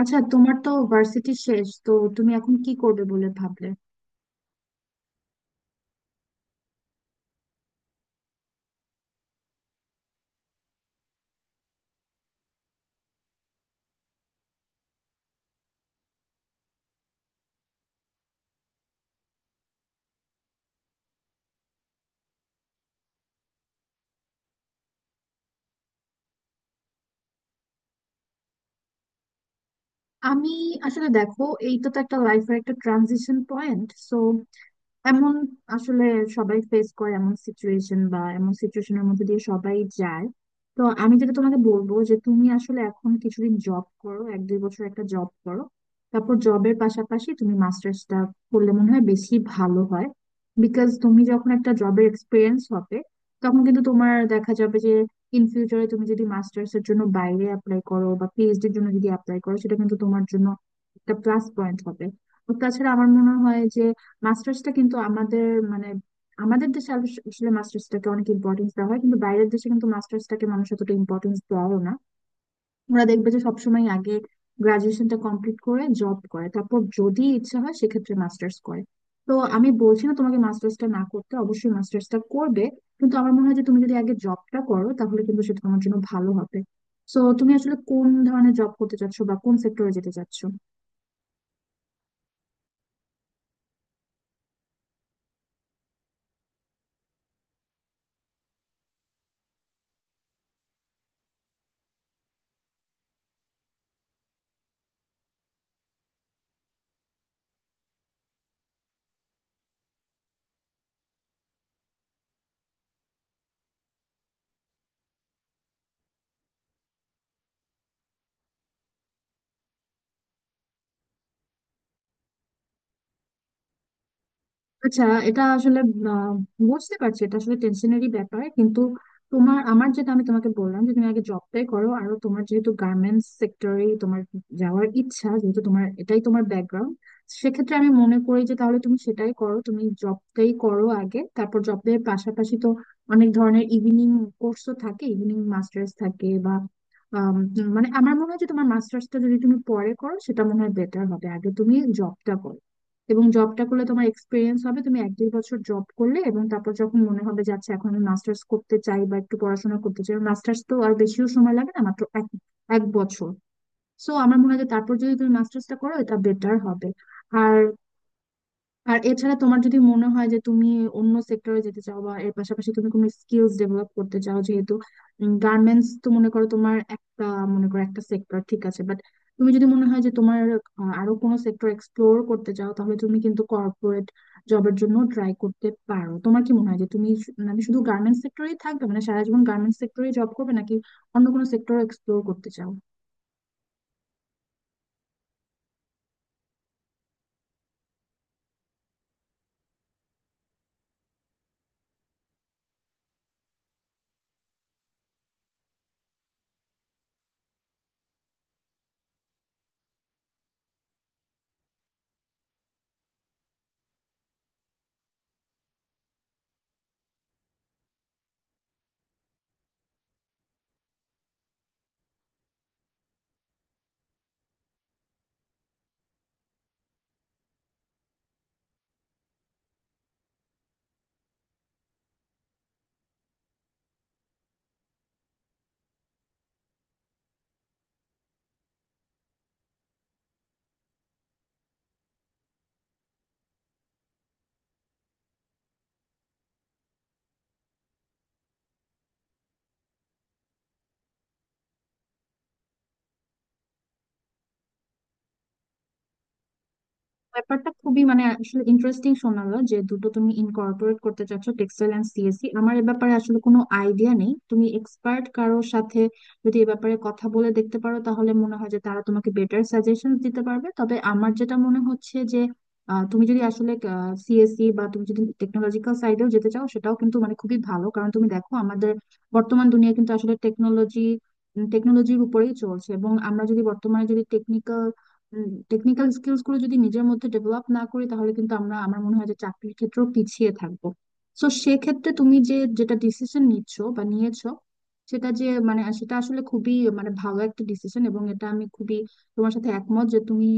আচ্ছা, তোমার তো ভার্সিটি শেষ। তো তুমি এখন কি করবে বলে ভাবলে? আমি, আসলে দেখো, এইটা তো একটা লাইফের একটা ট্রানজিশন পয়েন্ট। সো এমন, আসলে, সবাই ফেস করে এমন সিচুয়েশন বা এমন সিচুয়েশনের মধ্যে দিয়ে সবাই যায়। তো আমি যেটা তোমাকে বলবো যে তুমি আসলে এখন কিছুদিন জব করো, 1-2 বছর একটা জব করো। তারপর জবের পাশাপাশি তুমি মাস্টার্সটা করলে মনে হয় বেশি ভালো হয়। বিকজ তুমি যখন একটা জবের এক্সপিরিয়েন্স হবে, তখন কিন্তু তোমার দেখা যাবে যে ইন ফিউচারে তুমি যদি মাস্টার্স এর জন্য বাইরে অ্যাপ্লাই করো বা পিএইচডি এর জন্য যদি অ্যাপ্লাই করো, সেটা কিন্তু তোমার জন্য একটা প্লাস পয়েন্ট হবে। তো তাছাড়া আমার মনে হয় যে মাস্টার্সটা কিন্তু আমাদের, মানে, আমাদের দেশে আসলে মাস্টার্সটাকে অনেক ইম্পর্টেন্স দেওয়া হয়, কিন্তু বাইরের দেশে কিন্তু মাস্টার্সটাকে মানুষ এতটা ইম্পর্টেন্স দেওয়াও না। ওরা দেখবে যে সবসময় আগে গ্রাজুয়েশনটা কমপ্লিট করে জব করে, তারপর যদি ইচ্ছা হয় সেক্ষেত্রে মাস্টার্স করে। তো আমি বলছি না তোমাকে মাস্টার্সটা না করতে, অবশ্যই মাস্টার্সটা করবে, কিন্তু আমার মনে হয় যে তুমি যদি আগে জবটা করো তাহলে কিন্তু সেটা তোমার জন্য ভালো হবে। তো তুমি আসলে কোন ধরনের জব করতে চাচ্ছো বা কোন সেক্টরে যেতে চাচ্ছো? আচ্ছা, এটা আসলে, আহ, বুঝতে পারছি, এটা আসলে টেনশনেরই ব্যাপার। কিন্তু তোমার, আমার যেটা আমি তোমাকে বললাম যে তুমি আগে জবটাই করো, আর তোমার যেহেতু গার্মেন্টস সেক্টরে তোমার যাওয়ার ইচ্ছা, যেহেতু তোমার এটাই তোমার ব্যাকগ্রাউন্ড, সেক্ষেত্রে আমি মনে করি যে তাহলে তুমি সেটাই করো, তুমি জবটাই করো আগে। তারপর জবের পাশাপাশি তো অনেক ধরনের ইভিনিং কোর্সও থাকে, ইভিনিং মাস্টার্স থাকে, বা আম, মানে, আমার মনে হয় যে তোমার মাস্টার্সটা যদি তুমি পরে করো সেটা মনে হয় বেটার হবে। আগে তুমি জবটা করো, এবং জবটা করলে তোমার এক্সপিরিয়েন্স হবে, তুমি 1-2 বছর জব করলে, এবং তারপর যখন মনে হবে যে আচ্ছা এখন আমি মাস্টার্স করতে চাই বা একটু পড়াশোনা করতে চাই, মাস্টার্স তো আর বেশিও সময় লাগে না, মাত্র এক এক বছর। সো আমার মনে হয় যে তারপর যদি তুমি মাস্টার্সটা করো এটা বেটার হবে। আর আর এছাড়া তোমার যদি মনে হয় যে তুমি অন্য সেক্টরে যেতে চাও, বা এর পাশাপাশি তুমি কোনো স্কিলস ডেভেলপ করতে চাও, যেহেতু গার্মেন্টস তো মনে করো তোমার একটা, মনে করো একটা সেক্টর, ঠিক আছে, বাট তুমি যদি মনে হয় যে তোমার আরো কোনো সেক্টর এক্সপ্লোর করতে চাও, তাহলে তুমি কিন্তু কর্পোরেট জবের জন্য ট্রাই করতে পারো। তোমার কি মনে হয় যে তুমি মানে শুধু গার্মেন্টস সেক্টরেই থাকবে, মানে সারা জীবন গার্মেন্টস সেক্টরেই জব করবে, নাকি অন্য কোনো সেক্টর এক্সপ্লোর করতে চাও? ব্যাপারটা খুবই, মানে, আসলে ইন্টারেস্টিং শোনালো যে দুটো তুমি ইনকর্পোরেট করতে চাচ্ছ, টেক্সটাইল এন্ড সিএসসি। আমার এ ব্যাপারে আসলে কোনো আইডিয়া নেই, তুমি এক্সপার্ট কারোর সাথে যদি এ ব্যাপারে কথা বলে দেখতে পারো তাহলে মনে হয় যে তারা তোমাকে বেটার সাজেশন দিতে পারবে। তবে আমার যেটা মনে হচ্ছে যে তুমি যদি আসলে সিএসসি, বা তুমি যদি টেকনোলজিক্যাল সাইডেও যেতে চাও, সেটাও কিন্তু মানে খুবই ভালো, কারণ তুমি দেখো আমাদের বর্তমান দুনিয়া কিন্তু আসলে টেকনোলজির উপরেই চলছে। এবং আমরা যদি বর্তমানে যদি টেকনিক্যাল টেকনিক্যাল স্কিলস গুলো যদি নিজের মধ্যে ডেভেলপ না করি, তাহলে কিন্তু আমরা, আমার মনে হয় যে, চাকরির ক্ষেত্রেও পিছিয়ে থাকবো। তো সেক্ষেত্রে তুমি যেটা ডিসিশন নিচ্ছ বা নিয়েছো, সেটা যে মানে সেটা আসলে খুবই মানে ভালো একটা ডিসিশন, এবং এটা আমি খুবই তোমার সাথে একমত যে তুমি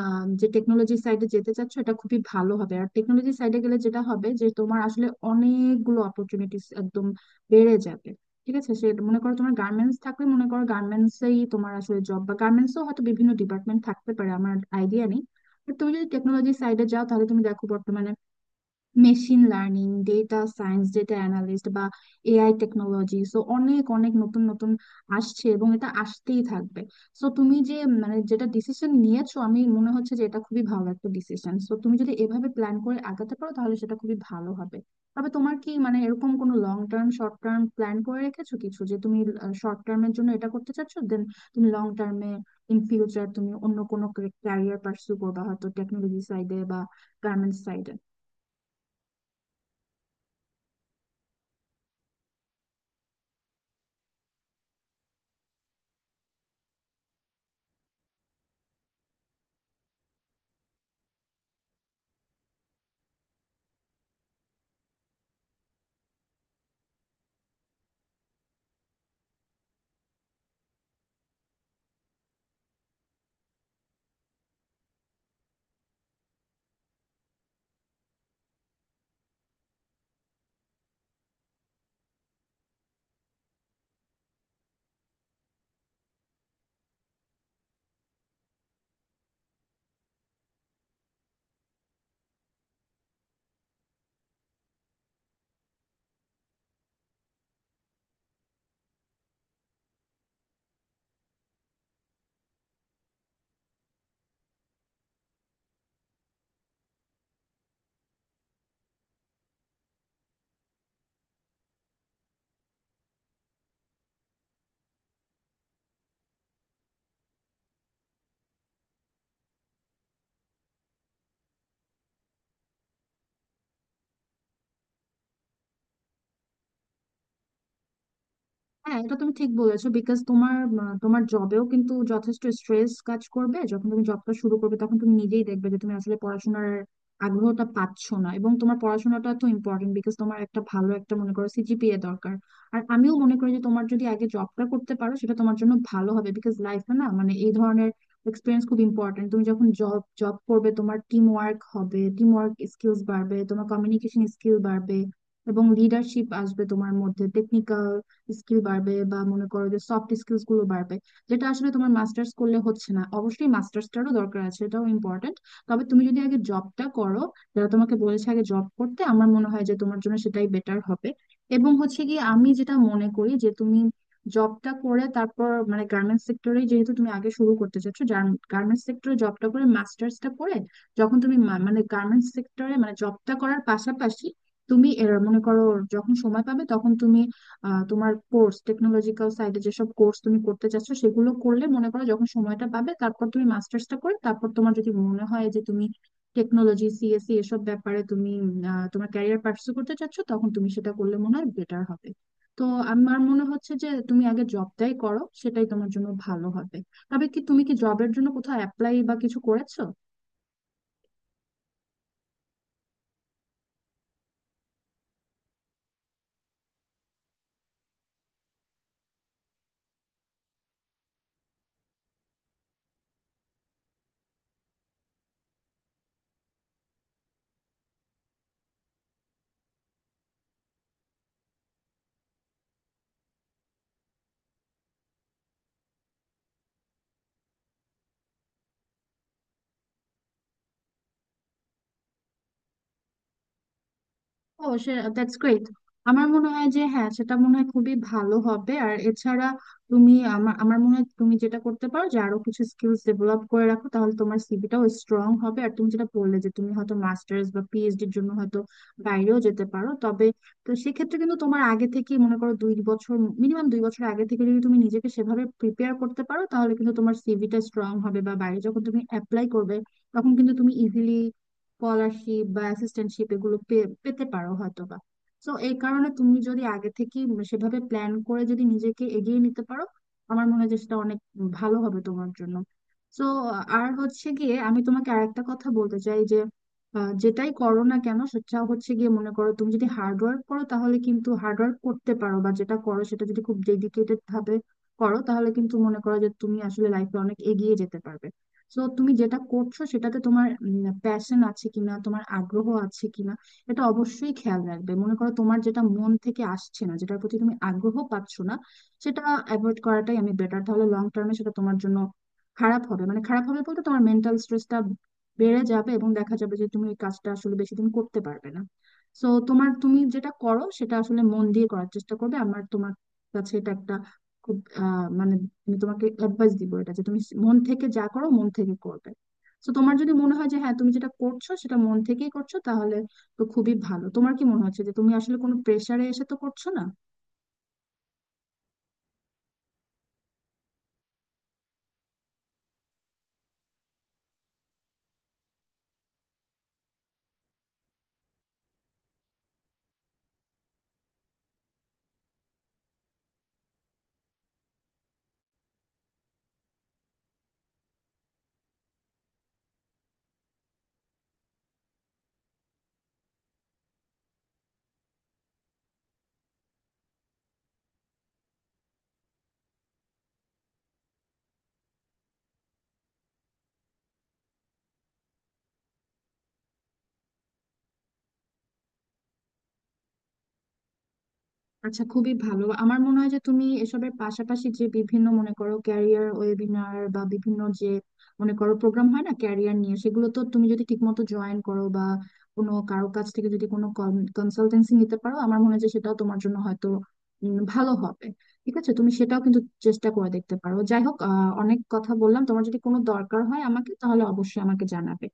যে টেকনোলজি সাইডে যেতে চাচ্ছ, এটা খুবই ভালো হবে। আর টেকনোলজি সাইডে গেলে যেটা হবে যে তোমার আসলে অনেকগুলো অপরচুনিটিস একদম বেড়ে যাবে। ঠিক আছে, সে মনে করো তোমার গার্মেন্টস থাকলে মনে করো গার্মেন্টস এই তোমার আসলে জব, বা গার্মেন্টস ও হয়তো বিভিন্ন ডিপার্টমেন্ট থাকতে পারে, আমার আইডিয়া নেই। বাট তুমি যদি টেকনোলজি সাইডে যাও, তাহলে তুমি দেখো বর্তমানে machine learning, data science, data analyst, বা এআই টেকনোলজি, সো অনেক অনেক নতুন নতুন আসছে, এবং এটা আসতেই থাকবে। সো তুমি যে, মানে, যেটা ডিসিশন নিয়েছো, আমি মনে হচ্ছে যে এটা খুবই ভালো একটা ডিসিশন। সো তুমি যদি এভাবে প্ল্যান করে আগাতে পারো তাহলে সেটা খুবই ভালো হবে। তবে তোমার কি, মানে, এরকম কোনো long term short term plan করে রেখেছো কিছু, যে তুমি শর্ট টার্মের জন্য এটা করতে চাচ্ছো, দেন তুমি লং টার্মে, ইন ফিউচার তুমি অন্য কোনো ক্যারিয়ার পার্সু করবা, হয়তো টেকনোলজি সাইডে বা গার্মেন্টস সাইডে? হ্যাঁ, এটা তুমি ঠিক বলেছো। বিকজ তোমার তোমার জবেও কিন্তু যথেষ্ট স্ট্রেস কাজ করবে, যখন তুমি জবটা শুরু করবে তখন তুমি নিজেই দেখবে যে তুমি আসলে পড়াশোনার আগ্রহটা পাচ্ছ না, এবং তোমার পড়াশোনাটা তো ইম্পর্টেন্ট, বিকজ তোমার একটা ভালো একটা মনে করো সিজিপিএ দরকার। আর আমিও মনে করি যে তোমার যদি আগে জবটা করতে পারো সেটা তোমার জন্য ভালো হবে, বিকজ লাইফে না, মানে, এই ধরনের এক্সপিরিয়েন্স খুব ইম্পর্টেন্ট। তুমি যখন জব জব করবে, তোমার টিম ওয়ার্ক হবে, টিম ওয়ার্ক স্কিলস বাড়বে, তোমার কমিউনিকেশন স্কিল বাড়বে, এবং লিডারশিপ আসবে তোমার মধ্যে, টেকনিক্যাল স্কিল বাড়বে, বা মনে করো যে সফট স্কিলস গুলো বাড়বে, যেটা আসলে তোমার মাস্টার্স করলে হচ্ছে না। অবশ্যই মাস্টার্সটারও দরকার আছে, এটাও ইম্পর্টেন্ট, তবে তুমি যদি আগে জবটা করো, যারা তোমাকে বলেছে আগে জব করতে, আমার মনে হয় যে তোমার জন্য সেটাই বেটার হবে। এবং হচ্ছে কি, আমি যেটা মনে করি যে তুমি জবটা করে তারপর, মানে, গার্মেন্টস সেক্টরে যেহেতু তুমি আগে শুরু করতে চাচ্ছো, গার্মেন্টস সেক্টরে জবটা করে মাস্টার্সটা করে, যখন তুমি মানে গার্মেন্টস সেক্টরে মানে জবটা করার পাশাপাশি তুমি এর মনে করো যখন সময় পাবে তখন তুমি তোমার কোর্স, টেকনোলজিক্যাল সাইডে যেসব কোর্স তুমি করতে চাচ্ছ, সেগুলো করলে, মনে করো যখন সময়টা পাবে তারপর তুমি মাস্টার্সটা করে তারপর তোমার যদি মনে হয় যে তুমি টেকনোলজি, সিএসসি, এসব ব্যাপারে তুমি তোমার ক্যারিয়ার পার্সু করতে চাচ্ছ, তখন তুমি সেটা করলে মনে হয় বেটার হবে। তো আমার মনে হচ্ছে যে তুমি আগে জবটাই করো, সেটাই তোমার জন্য ভালো হবে। তবে কি তুমি কি জবের জন্য কোথাও অ্যাপ্লাই বা কিছু করেছো? অবশ্যই, দ্যাটস গ্রেট। আমার মনে হয় যে হ্যাঁ সেটা মনে হয় খুবই ভালো হবে। আর এছাড়া তুমি, আমার আমার মনে হয়, তুমি যেটা করতে পারো যে আরো কিছু স্কিলস ডেভেলপ করে রাখো, তাহলে তোমার সিভিটাও স্ট্রং হবে। আর তুমি যেটা বললে যে তুমি হয়তো মাস্টার্স বা পিএইচডি এর জন্য হয়তো বাইরেও যেতে পারো, তবে, তো সেক্ষেত্রে কিন্তু তোমার আগে থেকে, মনে করো 2 বছর, মিনিমাম 2 বছর আগে থেকে যদি তুমি নিজেকে সেভাবে প্রিপেয়ার করতে পারো, তাহলে কিন্তু তোমার সিভিটা স্ট্রং হবে, বা বাইরে যখন তুমি অ্যাপ্লাই করবে তখন কিন্তু তুমি ইজিলি স্কলারশিপ বা অ্যাসিস্ট্যান্টশিপ এগুলো পেতে পারো হয়তোবা। তো এই কারণে তুমি যদি আগে থেকে সেভাবে প্ল্যান করে যদি নিজেকে এগিয়ে নিতে পারো, আমার মনে হয় যে সেটা অনেক ভালো হবে তোমার জন্য। তো আর হচ্ছে গিয়ে, আমি তোমাকে আরেকটা কথা বলতে চাই যে যেটাই করো না কেন, সেটা হচ্ছে গিয়ে, মনে করো তুমি যদি হার্ড ওয়ার্ক করো, তাহলে কিন্তু হার্ড ওয়ার্ক করতে পারো বা যেটা করো সেটা যদি খুব ডেডিকেটেড ভাবে করো, তাহলে কিন্তু মনে করো যে তুমি আসলে লাইফে অনেক এগিয়ে যেতে পারবে। তো তুমি যেটা করছো সেটাতে তোমার প্যাশন আছে কিনা, তোমার আগ্রহ আছে কিনা, এটা অবশ্যই খেয়াল রাখবে। মনে করো তোমার যেটা মন থেকে আসছে না, যেটার প্রতি তুমি আগ্রহ পাচ্ছ না, সেটা অ্যাভয়েড করাটাই আমি বেটার। তাহলে লং টার্মে সেটা তোমার জন্য খারাপ হবে, মানে খারাপ হবে বলতে তোমার মেন্টাল স্ট্রেসটা বেড়ে যাবে, এবং দেখা যাবে যে তুমি এই কাজটা আসলে বেশি দিন করতে পারবে না। সো তোমার, তুমি যেটা করো সেটা আসলে মন দিয়ে করার চেষ্টা করবে। আমার, তোমার কাছে এটা একটা খুব, মানে, আমি তোমাকে অ্যাডভাইস দিব এটা, যে তুমি মন থেকে যা করো মন থেকে করবে। তো তোমার যদি মনে হয় যে হ্যাঁ তুমি যেটা করছো সেটা মন থেকেই করছো, তাহলে তো খুবই ভালো। তোমার কি মনে হচ্ছে যে তুমি আসলে কোনো প্রেসারে এসে তো করছো না? আচ্ছা, খুবই ভালো। আমার মনে হয় যে তুমি এসবের পাশাপাশি যে বিভিন্ন মনে করো ক্যারিয়ার ওয়েবিনার বা বিভিন্ন যে মনে করো প্রোগ্রাম হয় না ক্যারিয়ার নিয়ে, সেগুলো তো তুমি যদি ঠিকমতো জয়েন করো, বা কোনো কারো কাছ থেকে যদি কোনো কনসালটেন্সি নিতে পারো, আমার মনে হয় যে সেটাও তোমার জন্য হয়তো ভালো হবে। ঠিক আছে, তুমি সেটাও কিন্তু চেষ্টা করে দেখতে পারো। যাই হোক, অনেক কথা বললাম, তোমার যদি কোনো দরকার হয় আমাকে, তাহলে অবশ্যই আমাকে জানাবে।